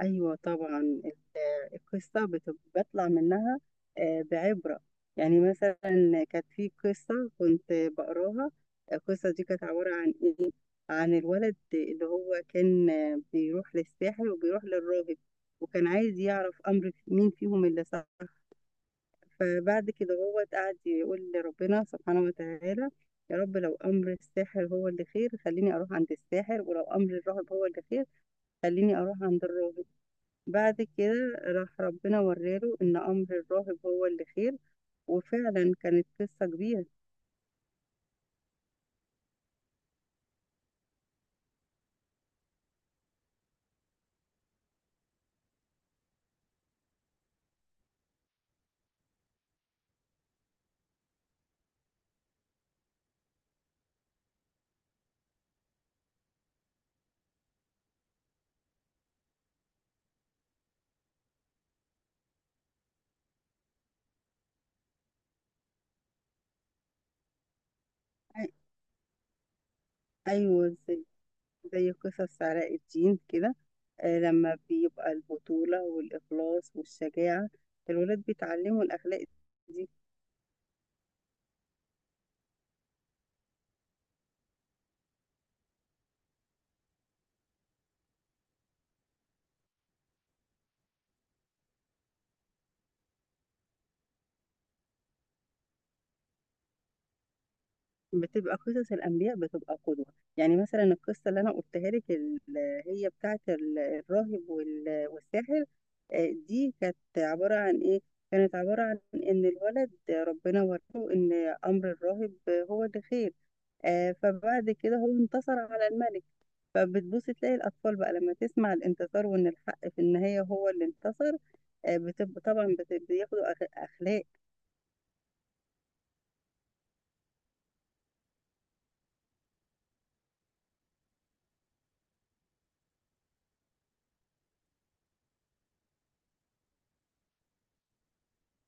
ايوه طبعا القصه بطلع منها بعبره. يعني مثلا كانت في قصه كنت بقراها. القصه دي كانت عباره عن ايه؟ عن الولد اللي هو كان بيروح للساحر وبيروح للراهب، وكان عايز يعرف امر مين فيهم اللي صح. فبعد كده هو قعد يقول لربنا سبحانه وتعالى: يا رب لو امر الساحر هو اللي خير خليني اروح عند الساحر، ولو امر الراهب هو اللي خير خليني اروح عند الراهب. بعد كده راح ربنا وراله إن أمر الراهب هو اللي خير، وفعلا كانت قصة كبيرة. أي- أيوة زي قصص علاء الدين كده. لما بيبقى البطولة والإخلاص والشجاعة الولاد بيتعلموا الأخلاق. دي بتبقى قصص الأنبياء بتبقى قدوة. يعني مثلا القصة اللي أنا قلتها لك اللي هي بتاعة الراهب والساحر، دي كانت عبارة عن إيه؟ كانت عبارة عن إن الولد ربنا وراه إن أمر الراهب هو اللي خير. فبعد كده هو انتصر على الملك. فبتبص تلاقي الأطفال بقى لما تسمع الانتصار وإن الحق في النهاية هو اللي انتصر، بتبقى طبعا بياخدوا أخلاق.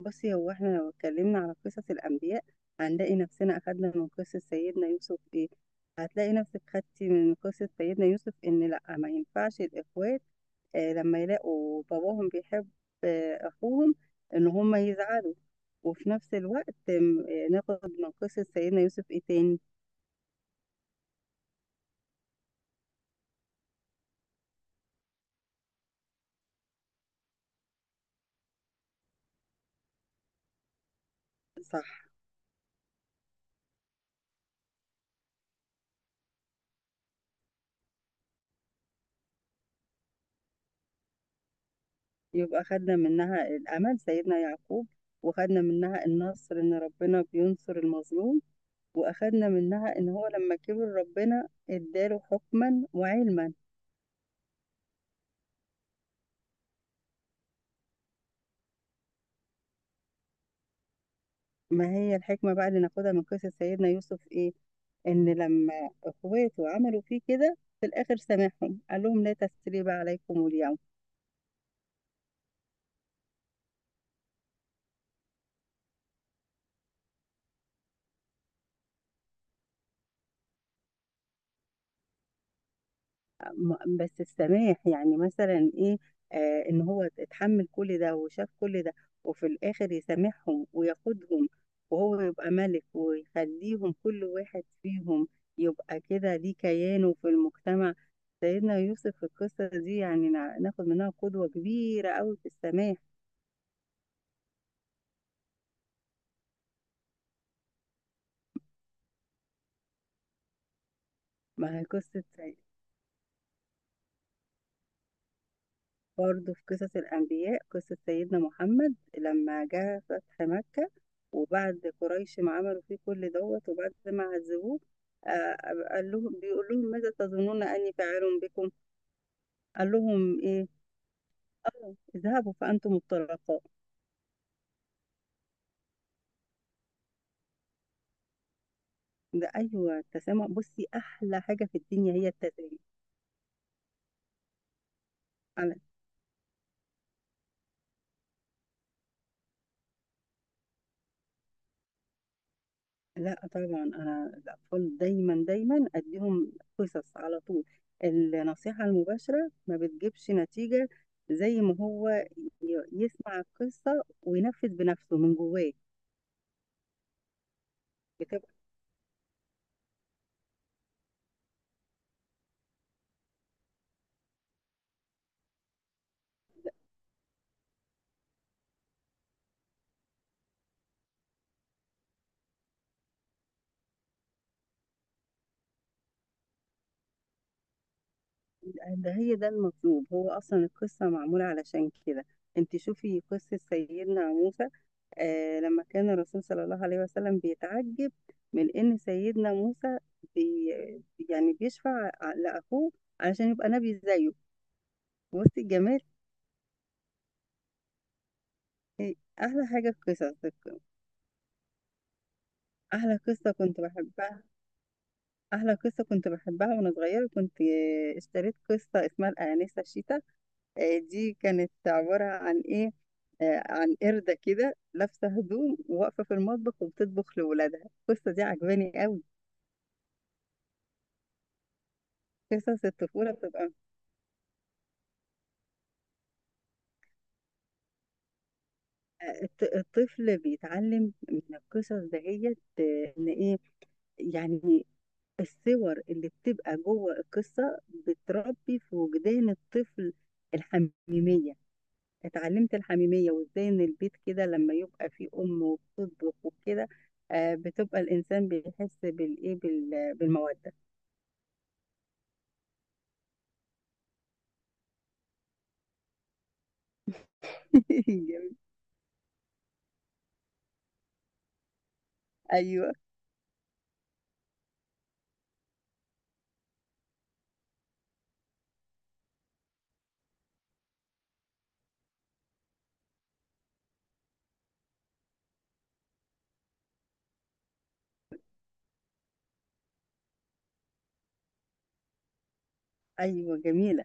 بصي هو احنا لو اتكلمنا على قصص الأنبياء هنلاقي نفسنا أخدنا من قصة سيدنا يوسف إيه؟ هتلاقي نفسك خدتي من قصة سيدنا يوسف إن لأ ما ينفعش الإخوات آه لما يلاقوا باباهم بيحب آه أخوهم إن هما يزعلوا. وفي نفس الوقت آم، آه، ناخد من قصة سيدنا يوسف إيه تاني؟ صح. يبقى خدنا منها الأمل سيدنا يعقوب، وخدنا منها النصر إن ربنا بينصر المظلوم، وأخدنا منها إن هو لما كبر ربنا اداله حكما وعلما. ما هي الحكمة بقى اللي ناخدها من قصة سيدنا يوسف إيه؟ إن لما إخواته عملوا فيه كده في الآخر سامحهم، قال لهم لا تسريب عليكم اليوم. بس السماح يعني مثلا ايه؟ آه ان هو اتحمل كل ده وشاف كل ده وفي الاخر يسامحهم وياخدهم، وهو يبقى ملك ويخليهم كل واحد فيهم يبقى كده ليه كيانه في المجتمع. سيدنا يوسف في القصة دي يعني ناخد منها قدوة كبيرة قوي في السماح. ما هي قصة برضه في قصص الأنبياء قصة سيدنا محمد لما جه فتح مكة، وبعد قريش ما عملوا فيه كل دوت وبعد ما عذبوه، آه، قال لهم بيقول لهم: ماذا تظنون أني فاعل بكم؟ قال لهم إيه؟ أو اذهبوا فأنتم الطلقاء. ده أيوه التسامح. بصي أحلى حاجة في الدنيا هي التسامح. لا طبعا انا الاطفال دايما دايما اديهم قصص على طول. النصيحه المباشره ما بتجيبش نتيجه، زي ما هو يسمع القصه وينفذ بنفسه من جواه. بتبقى ده هي ده المطلوب، هو اصلا القصه معموله علشان كده. انت شوفي قصه سيدنا موسى، آه لما كان الرسول صلى الله عليه وسلم بيتعجب من ان سيدنا موسى بي يعني بيشفع لاخوه علشان يبقى نبي زيه. بصي الجمال. إيه احلى حاجه في قصص احلى قصه كنت بحبها. احلى قصه كنت بحبها وانا صغيره كنت اشتريت قصه اسمها الانسه الشيتا. دي كانت عباره عن ايه؟ عن قرده كده لابسه هدوم وواقفه في المطبخ وبتطبخ لاولادها. القصه دي عجباني قوي. قصص الطفوله بتبقى الطفل بيتعلم من القصص دهيت ان ايه؟ يعني الصور اللي بتبقى جوه القصة بتربي في وجدان الطفل الحميمية. اتعلمت الحميمية وازاي ان البيت كده لما يبقى فيه أم وبتطبخ وكده، بتبقى الإنسان بيحس بالإيه بالمودة. جميل. أيوه أيوه جميلة.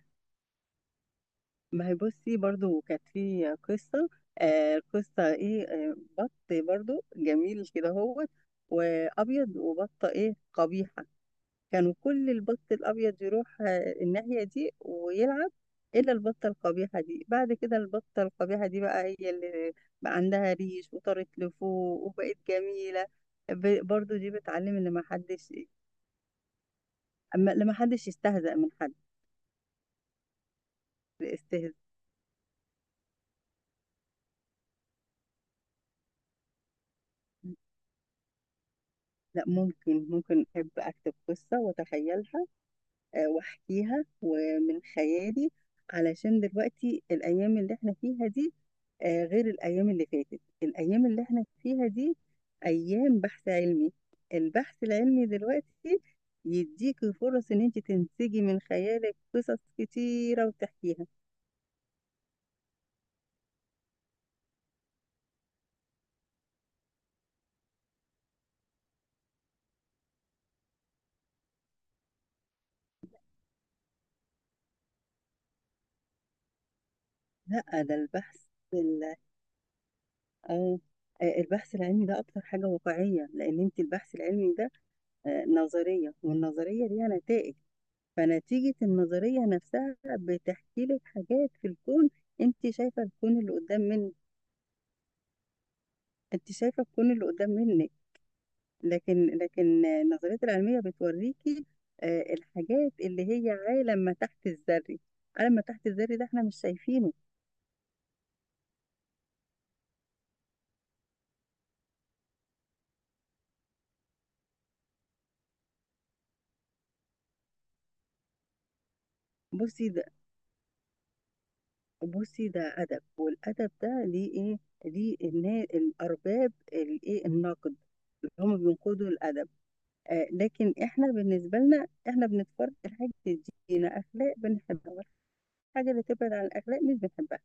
ما هي بصي برضو كانت في قصة قصة إيه آه، بط برضو جميل كده هو وأبيض وبطة إيه قبيحة. كانوا كل البط الأبيض يروح الناحية دي ويلعب إلا البطة القبيحة دي. بعد كده البطة القبيحة دي بقى هي اللي بقى عندها ريش وطارت لفوق وبقت جميلة. برضو دي بتعلم إن ما حدش، أما لما حدش يستهزأ من حد. استهزاء. لا ممكن ممكن أحب أكتب قصة وأتخيلها، واحكيها ومن خيالي، علشان دلوقتي الايام اللي احنا فيها دي غير الايام اللي فاتت. الايام اللي احنا فيها دي ايام بحث علمي. البحث العلمي دلوقتي يديك فرص ان انت تنسجي من خيالك قصص كتيرة وتحكيها. لا ده البحث ال- اه البحث العلمي ده اكتر حاجة واقعية، لان انت البحث العلمي ده نظرية، والنظرية ليها نتائج، فنتيجة النظرية نفسها بتحكي لك حاجات في الكون. انت شايفة الكون اللي قدام من انت شايفة الكون اللي قدام منك، لكن النظريات العلمية بتوريكي الحاجات اللي هي عالم ما تحت الذري. عالم ما تحت الذري ده احنا مش شايفينه. بصي ده بصي ده أدب، والأدب ده ليه ايه؟ ليه الأرباب النقد اللي هم بينقدوا الأدب. لكن احنا بالنسبة لنا احنا بنتفرج الحاجة اللي تدينا اخلاق بنحبها، والحاجة اللي تبعد عن الاخلاق مش بنحبها.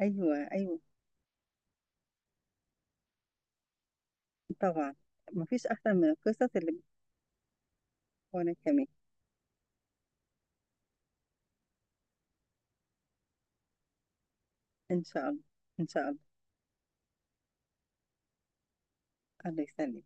ايوه ايوه طبعا. مفيش احسن من القصص اللي وانا كمان. ان شاء الله، ان شاء الله. الله يسلمك.